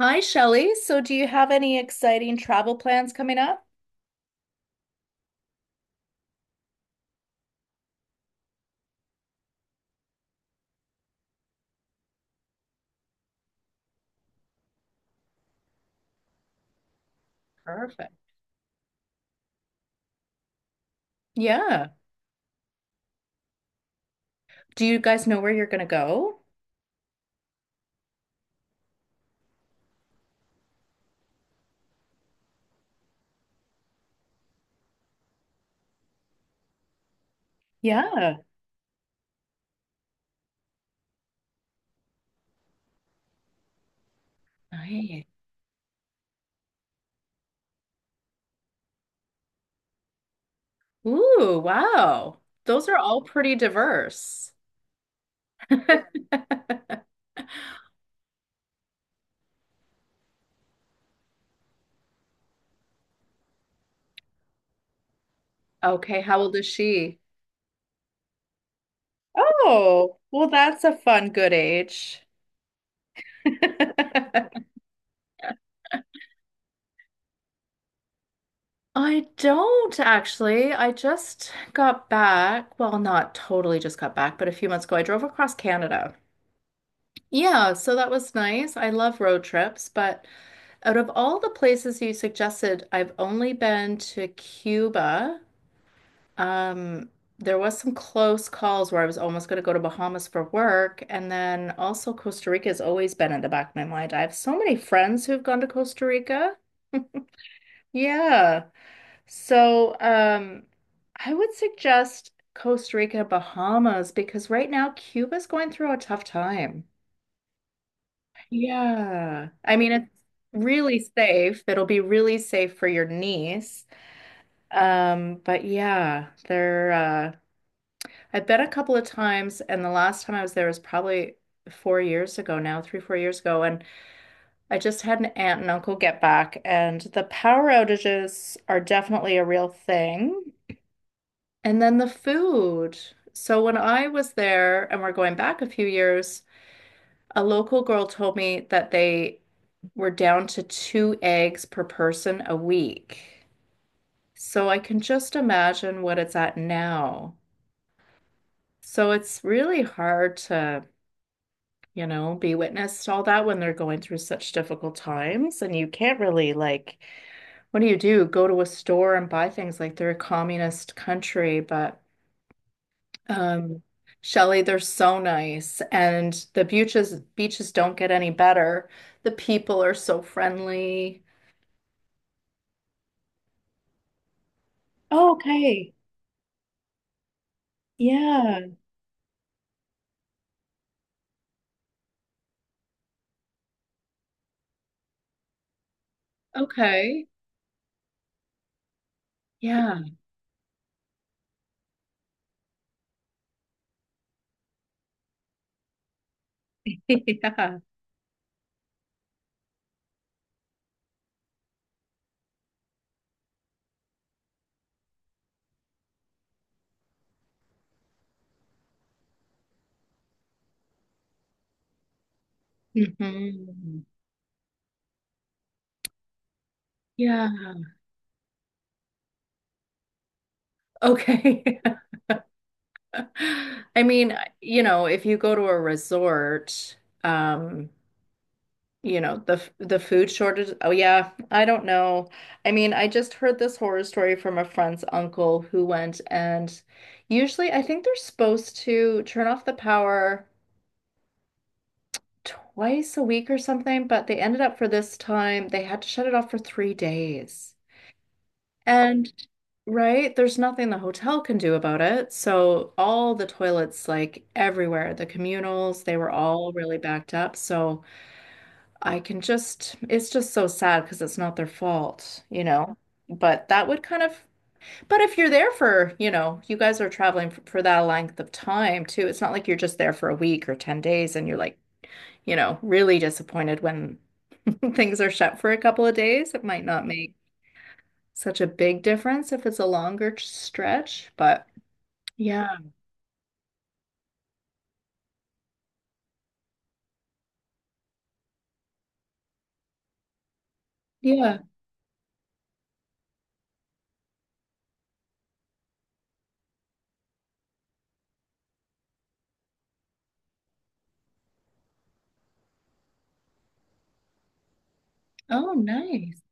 Hi, Shelley. So, do you have any exciting travel plans coming up? Perfect. Yeah. Do you guys know where you're going to go? Yeah. Nice. Ooh, wow. Those are all pretty diverse. Okay, how old is she? Oh, well, that's a fun, good age. I don't actually. I just got back. Well, not totally just got back, but a few months ago, I drove across Canada. Yeah, so that was nice. I love road trips, but out of all the places you suggested, I've only been to Cuba. Um, there was some close calls where I was almost going to go to Bahamas for work, and then also Costa Rica has always been in the back of my mind. I have so many friends who've gone to Costa Rica. Yeah. So, I would suggest Costa Rica, Bahamas because right now Cuba's going through a tough time. Yeah. I mean, it's really safe. It'll be really safe for your niece. But yeah, they're I've been a couple of times, and the last time I was there was probably 4 years ago now, 3, 4 years ago, and I just had an aunt and uncle get back, and the power outages are definitely a real thing. And then the food. So when I was there, and we're going back a few years, a local girl told me that they we're down to two eggs per person a week. So I can just imagine what it's at now. So it's really hard to, you know, be witness to all that when they're going through such difficult times. And you can't really, like, what do you do? Go to a store and buy things like they're a communist country. But, um, Shelley, they're so nice. And the beaches, beaches don't get any better. The people are so friendly. Oh, okay. Yeah. Okay. Yeah. Yeah. Hmm. Yeah. Okay. I mean, you know, if you go to a resort, um, you know, the food shortage. Oh yeah, I don't know. I mean, I just heard this horror story from a friend's uncle who went, and usually I think they're supposed to turn off the power twice a week or something, but they ended up for this time, they had to shut it off for 3 days. And right, there's nothing the hotel can do about it. So all the toilets, like everywhere, the communals, they were all really backed up. So I can just, it's just so sad because it's not their fault, you know? But that would kind of, but if you're there for, you know, you guys are traveling for, that length of time too, it's not like you're just there for a week or 10 days and you're like, you know, really disappointed when things are shut for a couple of days. It might not make such a big difference if it's a longer stretch, but yeah, yeah. Oh, nice.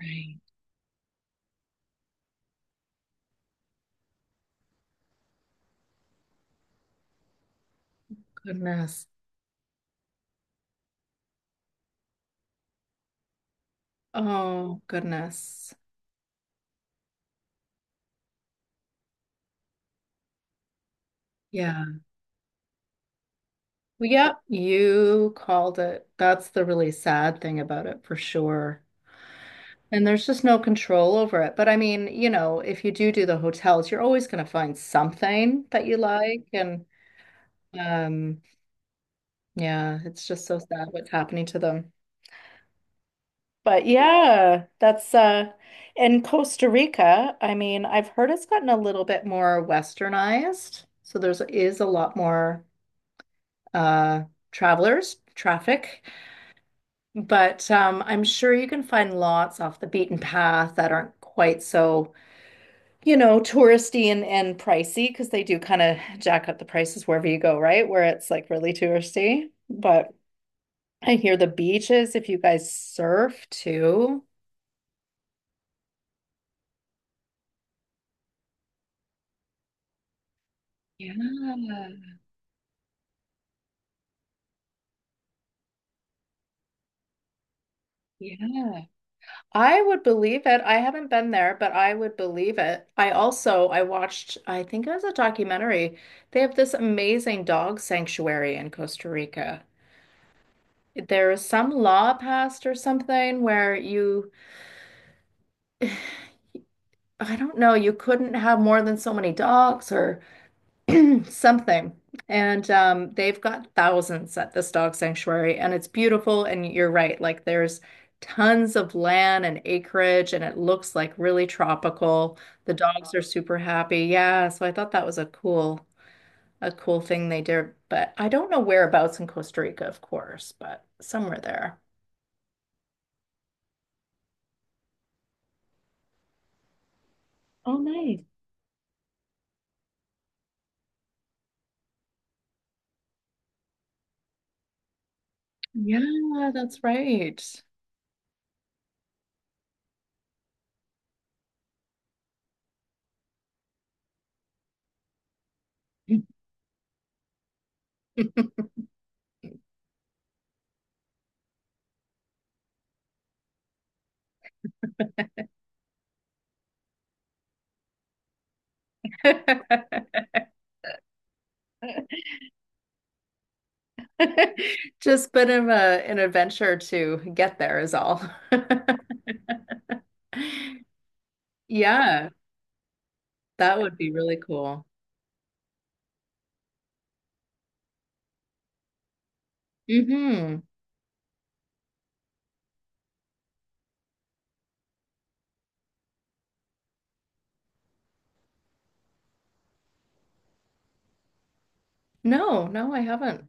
Right. Goodness. Oh, goodness. Yeah. Well, yep, you called it. That's the really sad thing about it for sure. And there's just no control over it. But I mean, you know, if you do the hotels, you're always going to find something that you like. And um, yeah, it's just so sad what's happening to them. But yeah, that's in Costa Rica, I mean, I've heard it's gotten a little bit more westernized. So there's is a lot more uh travelers, traffic. But I'm sure you can find lots off the beaten path that aren't quite so, you know, touristy and, pricey, because they do kind of jack up the prices wherever you go, right? Where it's like really touristy. But I hear the beaches, if you guys surf too. Yeah, yeah. I would believe it. I haven't been there, but I would believe it. I also I watched, I think it was a documentary. They have this amazing dog sanctuary in Costa Rica. There is some law passed or something where you, I don't know, you couldn't have more than so many dogs or something. And they've got thousands at this dog sanctuary, and it's beautiful. And you're right, like there's tons of land and acreage, and it looks like really tropical. The dogs are super happy. Yeah, so I thought that was a cool thing they did. But I don't know whereabouts in Costa Rica, of course, but somewhere there. Oh, nice. Yeah, that's right. Just bit of an adventure to get there is all. Yeah, that would be really cool. Hmm. No, no, I haven't.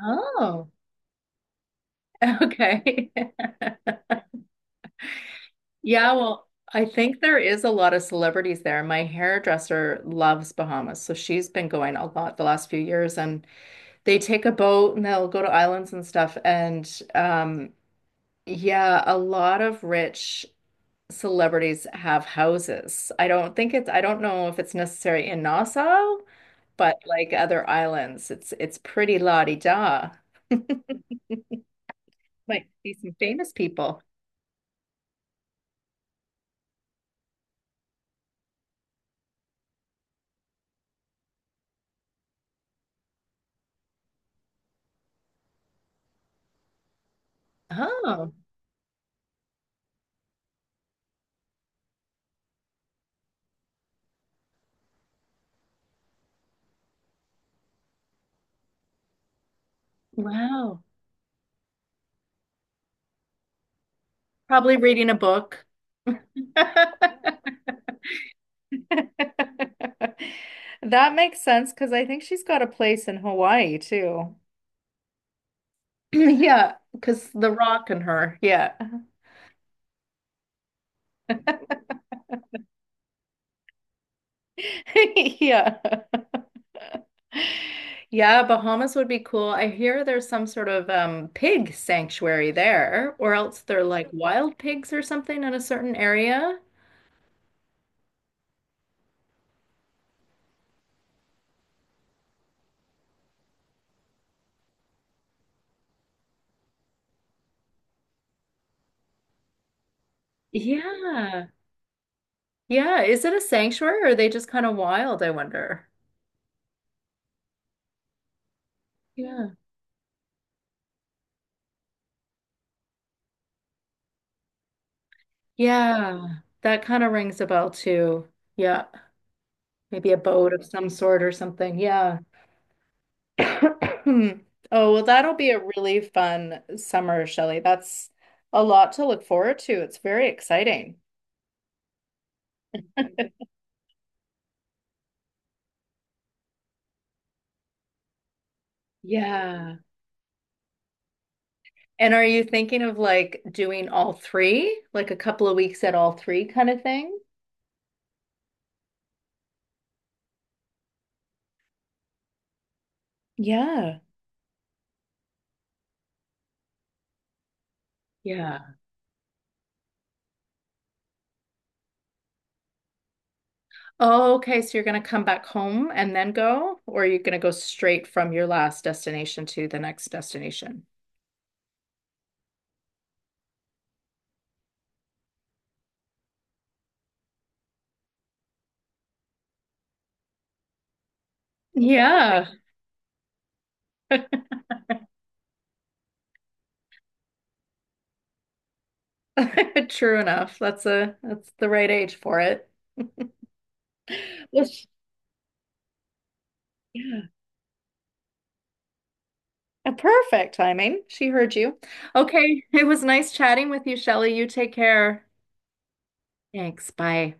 Oh, okay. Yeah, well, I think there is a lot of celebrities there. My hairdresser loves Bahamas, so she's been going a lot the last few years, and they take a boat and they'll go to islands and stuff. And yeah, a lot of rich celebrities have houses. I don't think it's, I don't know if it's necessary in Nassau, but like other islands, it's pretty la-di-da. Might see some famous people. Oh, wow. Probably reading a book. That makes sense because I think she's got a place in Hawaii too. Yeah, because The Rock and her. Yeah. Yeah. Yeah, Bahamas would be cool. I hear there's some sort of pig sanctuary there, or else they're like wild pigs or something in a certain area. Yeah. Yeah. Is it a sanctuary, or are they just kind of wild, I wonder? Yeah. Yeah. That kind of rings a bell too. Yeah. Maybe a boat of some sort or something. Yeah. Oh, well, that'll be a really fun summer, Shelley. That's a lot to look forward to. It's very exciting. Yeah. And are you thinking of like doing all three, like a couple of weeks at all three kind of thing? Yeah. Yeah. Oh, okay. So you're going to come back home and then go, or are you going to go straight from your last destination to the next destination? Yeah. True enough. That's a that's the right age for it. Yes. Yeah. Perfect timing. She heard you. Okay. It was nice chatting with you, Shelley. You take care. Thanks. Bye.